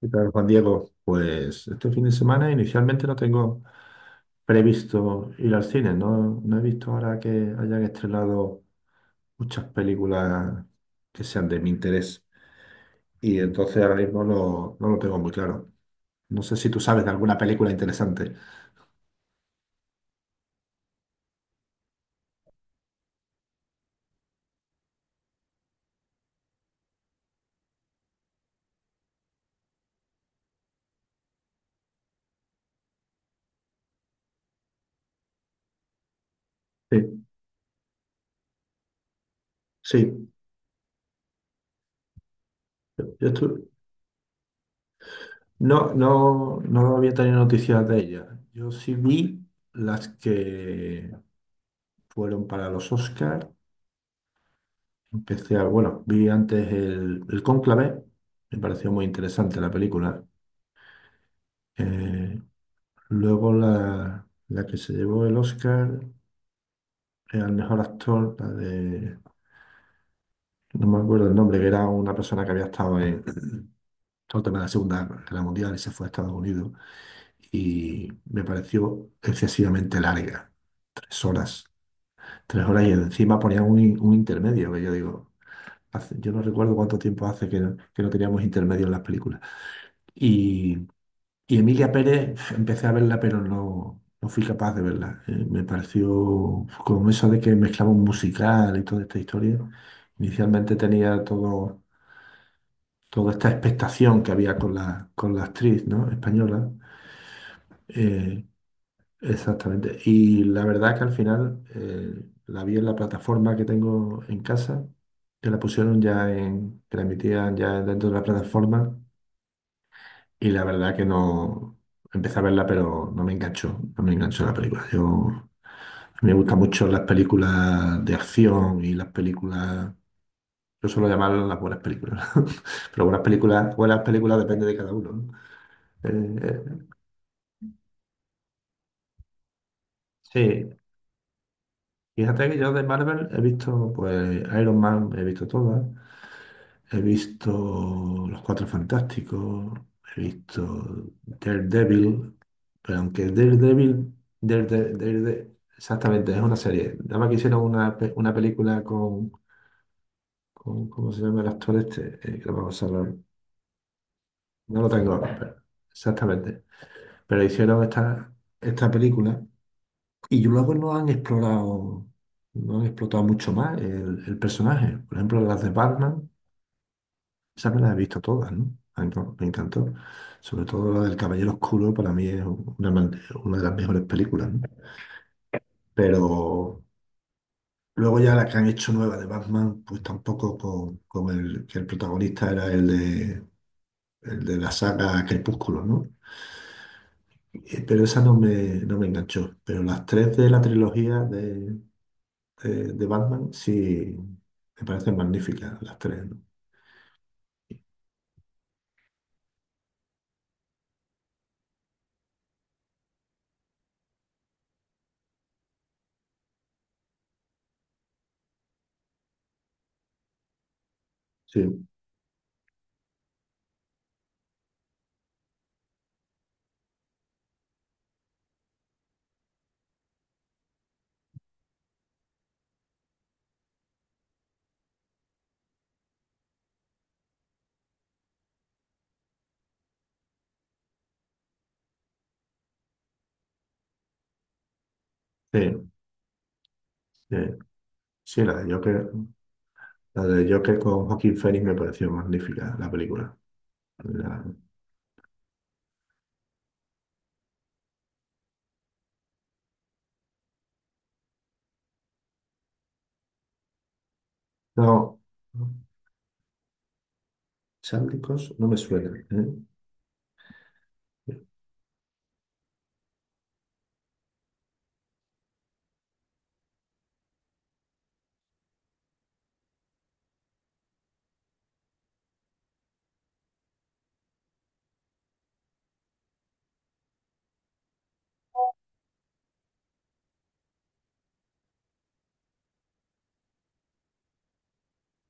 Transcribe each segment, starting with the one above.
¿Qué tal, Juan Diego? Pues este fin de semana inicialmente no tengo previsto ir al cine, no, no he visto ahora que hayan estrenado muchas películas que sean de mi interés, y entonces ahora mismo no, no lo tengo muy claro. No sé si tú sabes de alguna película interesante. Sí, sí. Yo estuve, no, no, no había tenido noticias de ella. Yo sí vi las que fueron para los Oscars. Empecé a, bueno, vi antes el Cónclave, me pareció muy interesante la película. Eh, Luego la, la que se llevó el Oscar al mejor actor, la de, no me acuerdo el nombre, que era una persona que había estado en todo el tema de la Segunda Guerra Mundial y se fue a Estados Unidos. Y me pareció excesivamente larga, tres horas. Tres horas y encima ponían un intermedio, que yo digo, yo no recuerdo cuánto tiempo hace que no teníamos intermedio en las películas. Y, y Emilia Pérez, empecé a verla, pero no, no fui capaz de verla. Me pareció como eso de que mezclaba un musical y toda esta historia. Inicialmente tenía todo, toda esta expectación que había con la actriz, ¿no?, española. Eh, Exactamente. Y la verdad que al final la vi en la plataforma que tengo en casa, que la pusieron ya en, que la emitían ya dentro de la plataforma, y la verdad que no empecé a verla, pero no me enganchó, no me enganchó la película. Yo a mí me gustan mucho las películas de acción y las películas, yo suelo llamarlas las buenas películas, pero buenas películas depende de cada uno, ¿no? Eh, eh, sí, fíjate que yo de Marvel he visto pues Iron Man, he visto todas. He visto Los Cuatro Fantásticos, he visto Daredevil, pero aunque Daredevil, exactamente, es una serie. Nada más que hicieron una, una película con, ¿cómo se llama el actor este? Que lo vamos a hablar. No lo tengo ahora, pero exactamente. Pero hicieron esta, esta película y luego no han explorado, no han explotado mucho más el personaje. Por ejemplo, las de Batman. Esa me las he visto todas, ¿no? A mí me encantó. Sobre todo la del Caballero Oscuro, para mí es una, una de las mejores películas, ¿no? Pero luego ya la que han hecho nueva de Batman, pues tampoco con, con el que el protagonista era el de la saga Crepúsculo, ¿no? Pero esa no me, no me enganchó. Pero las tres de la trilogía de Batman sí me parecen magníficas, las tres, ¿no? Sí, sí, sí, sí, la de Joker. La de Joker con Joaquín Phoenix me pareció magnífica la película. La- no, Sándicos no me suena, ¿eh?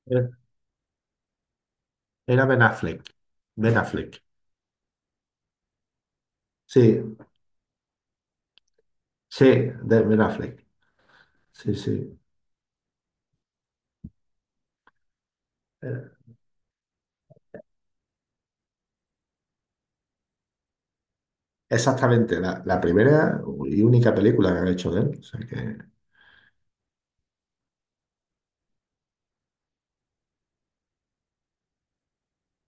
Era era Ben Affleck. Ben Affleck. Sí, sí, de Ben Affleck. Sí, sí. Era exactamente la, la primera y única película que han hecho de él. O sea que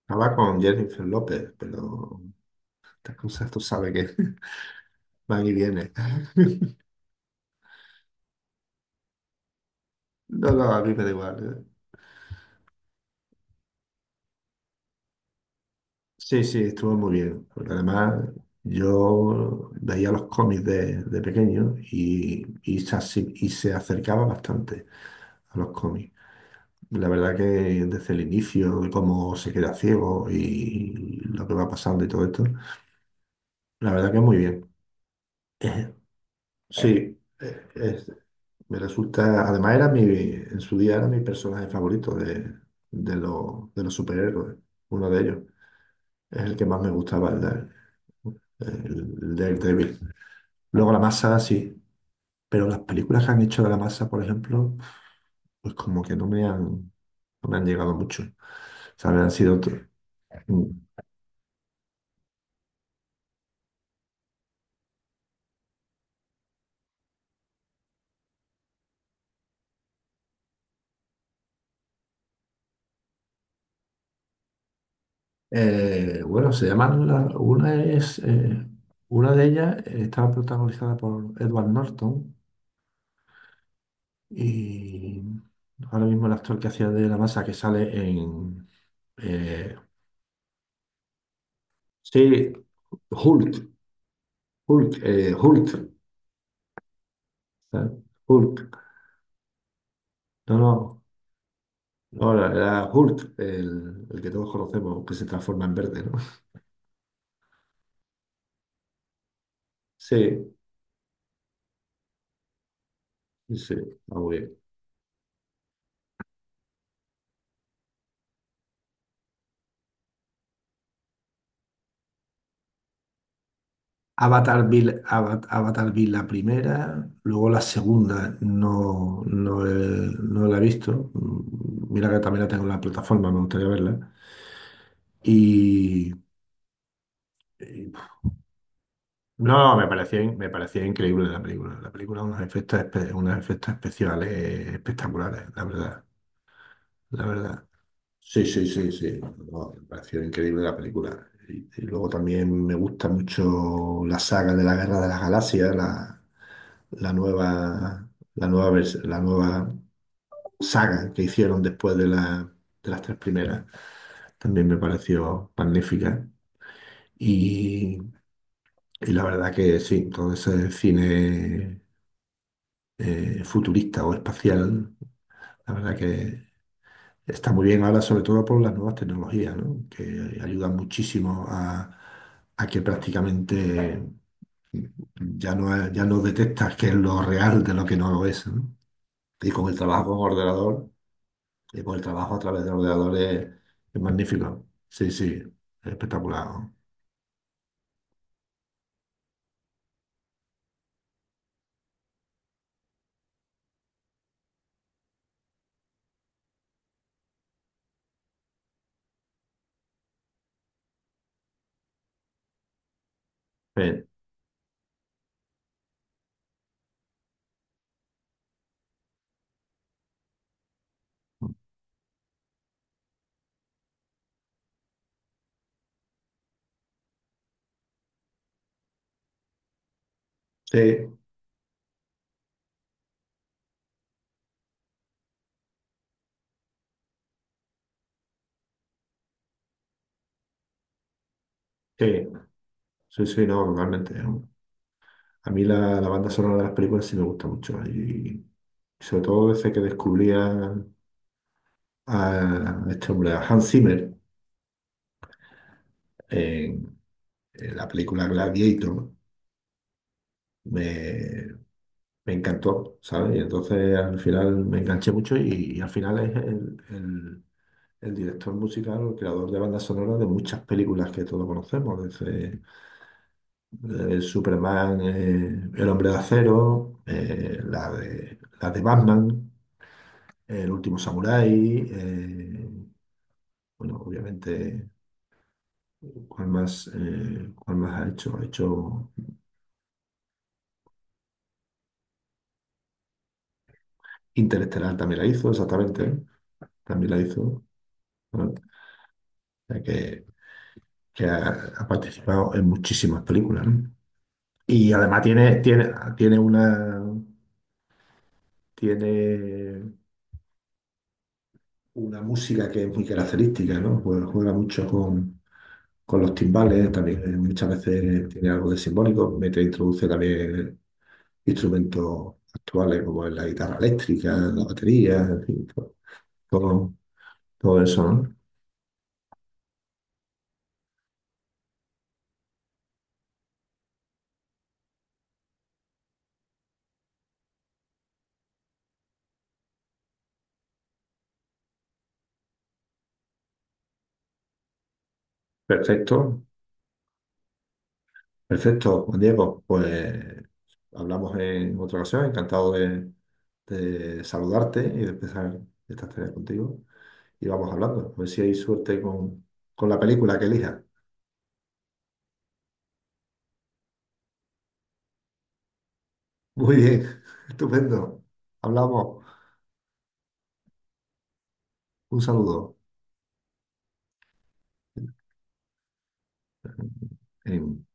estaba con Jennifer López, pero estas cosas tú sabes que van y vienen. No, no, a mí me da igual, ¿eh? Sí, sí, estuvo muy bien. Porque además, yo veía los cómics de pequeño y, se, y se acercaba bastante a los cómics. La verdad que desde el inicio, de cómo se queda ciego y lo que va pasando y todo esto, la verdad que muy bien. Eh, sí, me resulta, además era mi, en su día era mi personaje favorito de los superhéroes, uno de ellos. Es el que más me gustaba, el, de- el Daredevil. Luego la masa, sí. Pero las películas que han hecho de la masa, por ejemplo, pues como que no me han, no me han llegado mucho. O sea, me han sido otro. Mm. Bueno, se llaman una es una de ellas estaba protagonizada por Edward Norton y ahora mismo el actor que hacía de la masa que sale en eh, sí, Hulk, Hulk, Hulk. ¿Sabes? Hulk, no, no. No, era era Hulk, el que todos conocemos, que se transforma en verde, ¿no? Sí, sí, está muy bien. Avatar vi, Avatar vi la primera, luego la segunda no, no, no la he visto. Mm, mira que también la tengo en la plataforma, me gustaría verla. Y, y, no, me parecía, me parecía increíble la película. La película unos efectos, unos efectos especiales espectaculares, la verdad, la verdad. Sí, sí, sí, sí. No, me pareció increíble la película. Y luego también me gusta mucho la saga de la Guerra de las Galaxias, la nueva, la nueva, la nueva saga que hicieron después de, de las tres primeras. También me pareció magnífica. Y, y la verdad que sí, todo ese cine futurista o espacial, la verdad que está muy bien ahora, sobre todo por las nuevas tecnologías, ¿no? Que ayudan muchísimo a que prácticamente ya no, ya no detectas qué es lo real de lo que no lo es, ¿no? Y con el trabajo con ordenador, y con el trabajo a través de ordenadores, es magnífico. Sí, sí, es espectacular, ¿no? Sí, sí, sí, sí, sí, no, totalmente, ¿no? A mí la, la banda sonora de las películas sí me gusta mucho. Y sobre todo desde que descubría a este hombre, a Hans Zimmer, en, en la película Gladiator, me, me encantó, ¿sabes? Y entonces al final me enganché mucho y al final es el, el director musical o el creador de bandas sonoras de muchas películas que todos conocemos, desde Superman, El Hombre de Acero, la de Batman, El Último Samurái, bueno, obviamente. Cuál más ha hecho? Ha hecho Interestelar, también la hizo, exactamente, ¿eh? También la hizo. ¿No? O sea que ha, ha participado en muchísimas películas, ¿no? Y además tiene, tiene, tiene una, tiene una música que es muy característica, ¿no? Pues juega mucho con los timbales, también muchas veces tiene algo de simbólico, mete, introduce también instrumentos actuales como la guitarra eléctrica, la batería, en fin, todo, todo todo eso, ¿no? Perfecto. Perfecto, Juan Diego. Pues hablamos en otra ocasión. Encantado de saludarte y de empezar esta tareas contigo. Y vamos hablando. A ver si hay suerte con la película que elija. Muy bien, estupendo. Hablamos. Un saludo. En-